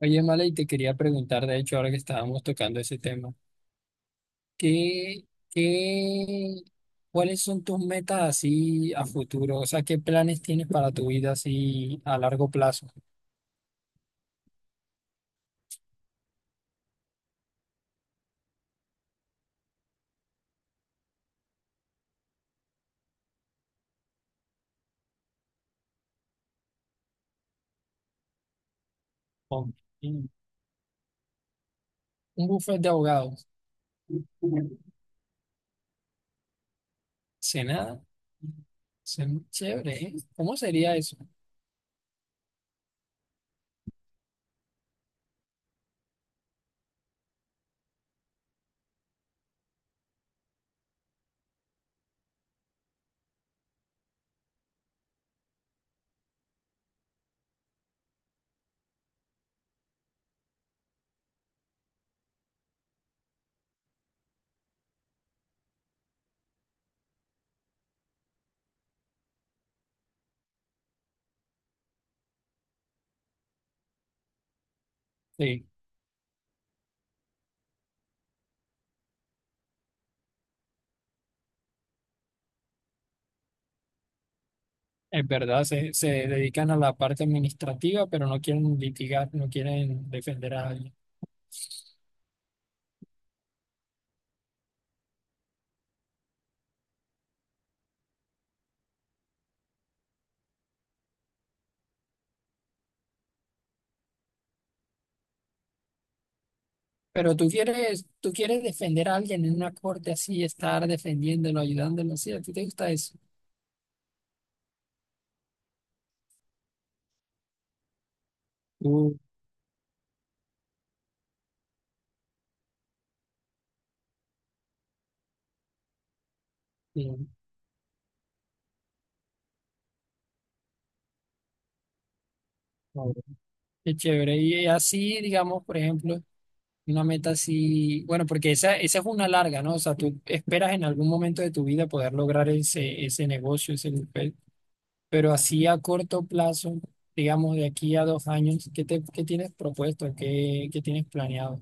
Oye, Mala, y te quería preguntar, de hecho, ahora que estábamos tocando ese tema, ¿qué, qué, cuáles son tus metas así a futuro? O sea, ¿qué planes tienes para tu vida así a largo plazo? Oh, un Un buffet de abogados, cena, cena chévere, ¿eh? ¿Cómo sería eso? Sí, es verdad, se dedican a la parte administrativa, pero no quieren litigar, no quieren defender a alguien. Pero tú quieres defender a alguien en una corte así, estar defendiéndolo, ayudándolo, así, ¿a ti te gusta eso? Uh, sí, claro. Qué chévere. Y así, digamos, por ejemplo, una meta así, bueno, porque esa es una larga, ¿no? O sea, tú esperas en algún momento de tu vida poder lograr ese negocio, ese papel, pero así a corto plazo, digamos, de aquí a dos años, ¿qué tienes propuesto? ¿Qué tienes planeado?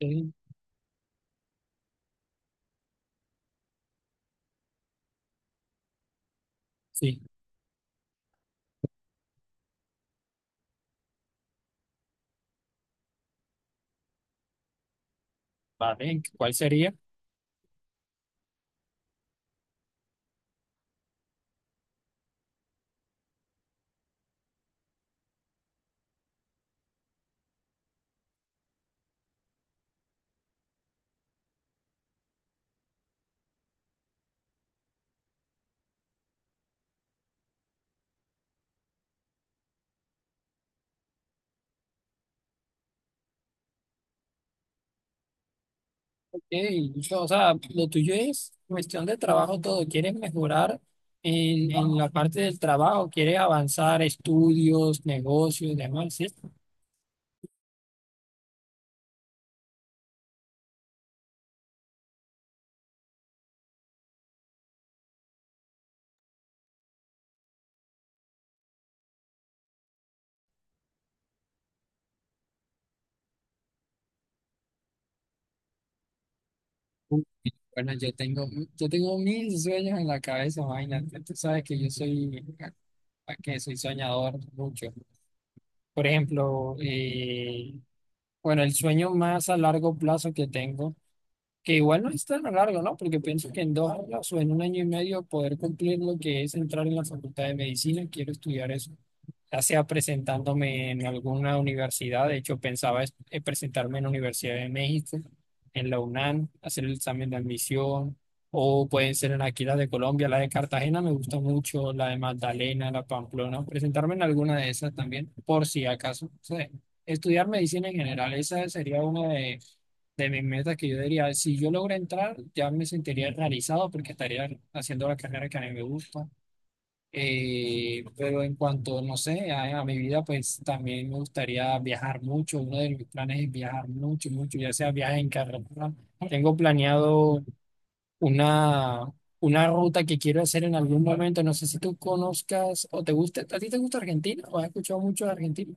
Sí. Sí, vale, ¿cuál sería? Sí, o sea, lo tuyo es cuestión de trabajo todo. Quieres mejorar en la parte del trabajo, quieres avanzar estudios, negocios, demás, ¿sí? Uh, bueno, yo tengo mil sueños en la cabeza, imagínate. Tú sabes que que soy soñador mucho. Por ejemplo, bueno, el sueño más a largo plazo que tengo, que igual no es tan a largo, ¿no? Porque pienso que en dos años o en un año y medio poder cumplir lo que es entrar en la facultad de medicina, quiero estudiar eso, ya sea presentándome en alguna universidad. De hecho pensaba presentarme en la Universidad de México, en la UNAM, hacer el examen de admisión, o pueden ser en aquí las de Colombia, la de Cartagena me gusta mucho, la de Magdalena, la Pamplona, presentarme en alguna de esas también, por si acaso. O sea, estudiar medicina en general, esa sería una de mis metas que yo diría, si yo logro entrar, ya me sentiría realizado porque estaría haciendo la carrera que a mí me gusta. Pero en cuanto, no sé, a mi vida, pues también me gustaría viajar mucho. Uno de mis planes es viajar mucho, mucho, ya sea viaje en carretera. Tengo planeado una, una ruta que quiero hacer en algún momento. No sé si tú conozcas o te gusta, ¿a ti te gusta Argentina o has escuchado mucho de Argentina?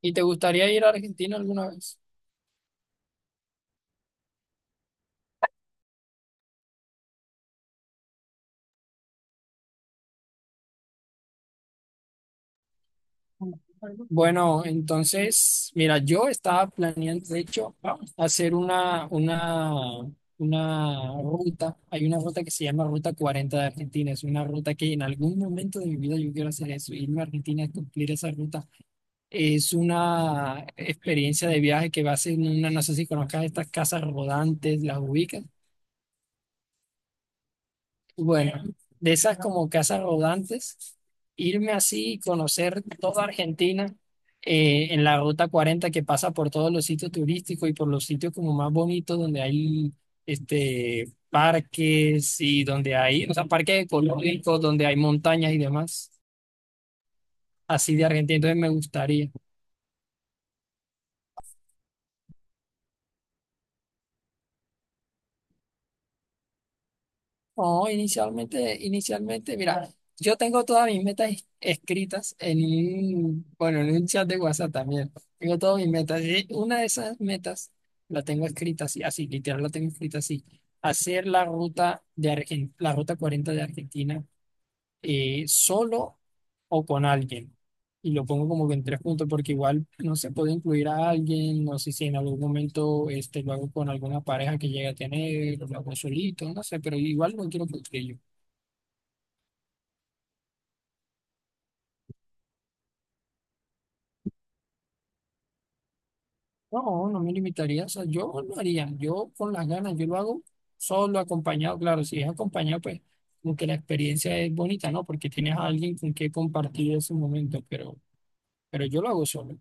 ¿Y te gustaría ir a Argentina alguna vez? Bueno, entonces, mira, yo estaba planeando, de hecho, vamos a hacer una ruta. Hay una ruta que se llama Ruta Cuarenta de Argentina. Es una ruta que en algún momento de mi vida yo quiero hacer eso, irme a Argentina a cumplir esa ruta. Es una experiencia de viaje que va a ser una, no sé si conozcas estas casas rodantes, las ubicas. Bueno, de esas como casas rodantes, irme así y conocer toda Argentina en la ruta cuarenta que pasa por todos los sitios turísticos y por los sitios como más bonitos donde hay este, parques y donde hay, o sea, parques ecológicos, donde hay montañas y demás, así de Argentina. Entonces me gustaría. No, inicialmente, mira, yo tengo todas mis metas escritas en bueno, en un chat de WhatsApp también. Tengo todas mis metas. Y una de esas metas la tengo escrita literal la tengo escrita así. Hacer la ruta de la ruta 40 de Argentina, solo o con alguien. Y lo pongo como que en tres puntos porque igual no se puede incluir a alguien, no sé si en algún momento este, lo hago con alguna pareja que llegue a tener, o lo hago solito, no sé, pero igual no quiero yo. No, no me limitaría, o sea, yo lo haría, yo con las ganas, yo lo hago solo, acompañado. Claro, si es acompañado, pues como que la experiencia es bonita, ¿no? Porque tienes a alguien con quien compartir ese momento, pero yo lo hago solo.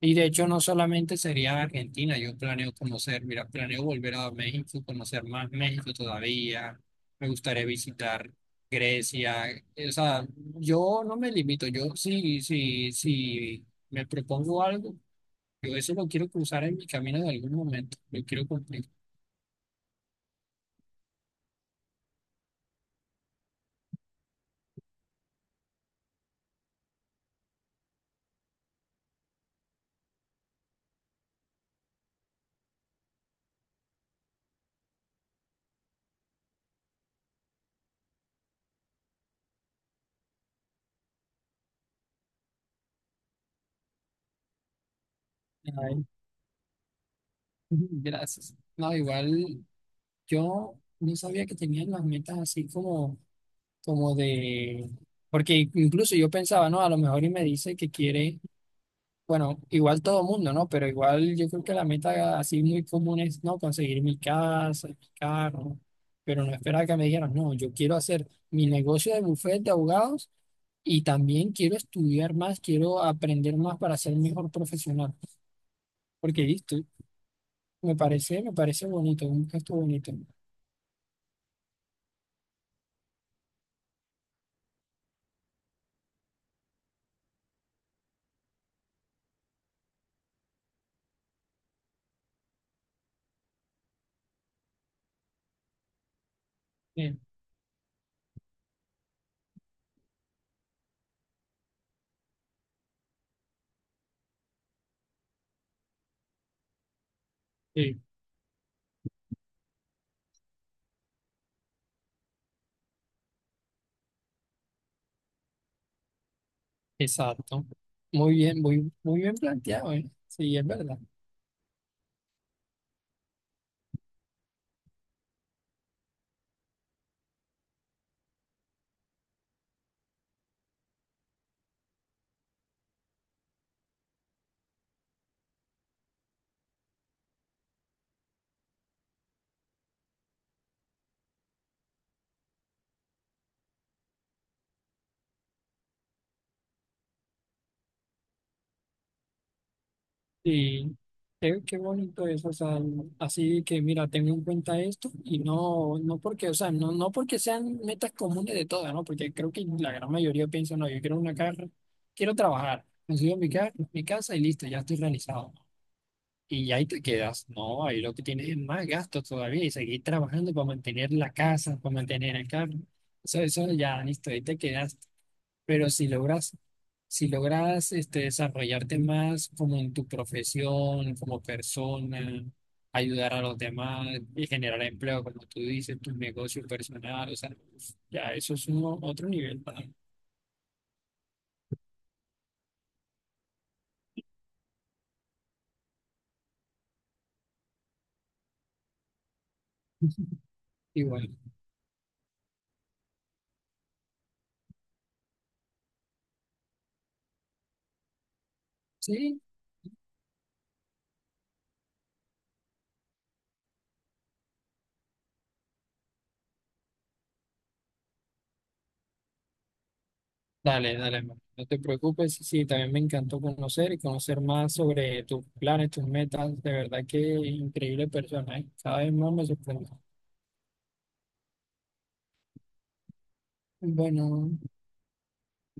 Y de hecho no solamente sería Argentina, yo planeo conocer, mira, planeo volver a México, conocer más México todavía, me gustaría visitar Grecia, o sea, yo no me limito, yo sí me propongo algo, yo eso lo quiero cruzar en mi camino de algún momento, lo quiero cumplir. Ay, gracias. No, igual yo no sabía que tenían las metas así como de, porque incluso yo pensaba, no, a lo mejor y me dice que quiere. Bueno, igual todo mundo, ¿no? Pero igual yo creo que la meta así muy común es, ¿no?, conseguir mi casa, mi carro, pero no esperar que me dijeran, no, yo quiero hacer mi negocio de bufete de abogados y también quiero estudiar más, quiero aprender más para ser mejor profesional. Porque listo, me parece bonito, un gesto bonito. Eh, eh, exacto. Muy bien, muy bien planteado, ¿eh? Sí, es verdad. Sí, qué bonito eso, o sea, así que mira, tengo en cuenta esto y no porque, o sea, no porque sean metas comunes de todas, ¿no? Porque creo que la gran mayoría piensa, no, yo quiero una carrera, quiero trabajar, consigo mi casa y listo, ya estoy realizado. Y ahí te quedas, no, ahí lo que tienes es más gastos todavía y seguir trabajando para mantener la casa, para mantener el carro. Eso ya, listo, ahí te quedas, pero si logras, si logras este, desarrollarte más como en tu profesión, como persona, ayudar a los demás y generar empleo, como tú dices, tu negocio personal, o sea, ya eso es otro nivel para mí. Y bueno, sí, dale, hermano, no te preocupes, sí, también me encantó conocer y conocer más sobre tus planes, tus metas, de verdad que increíble persona, ¿eh? Cada vez más me sorprende. Bueno.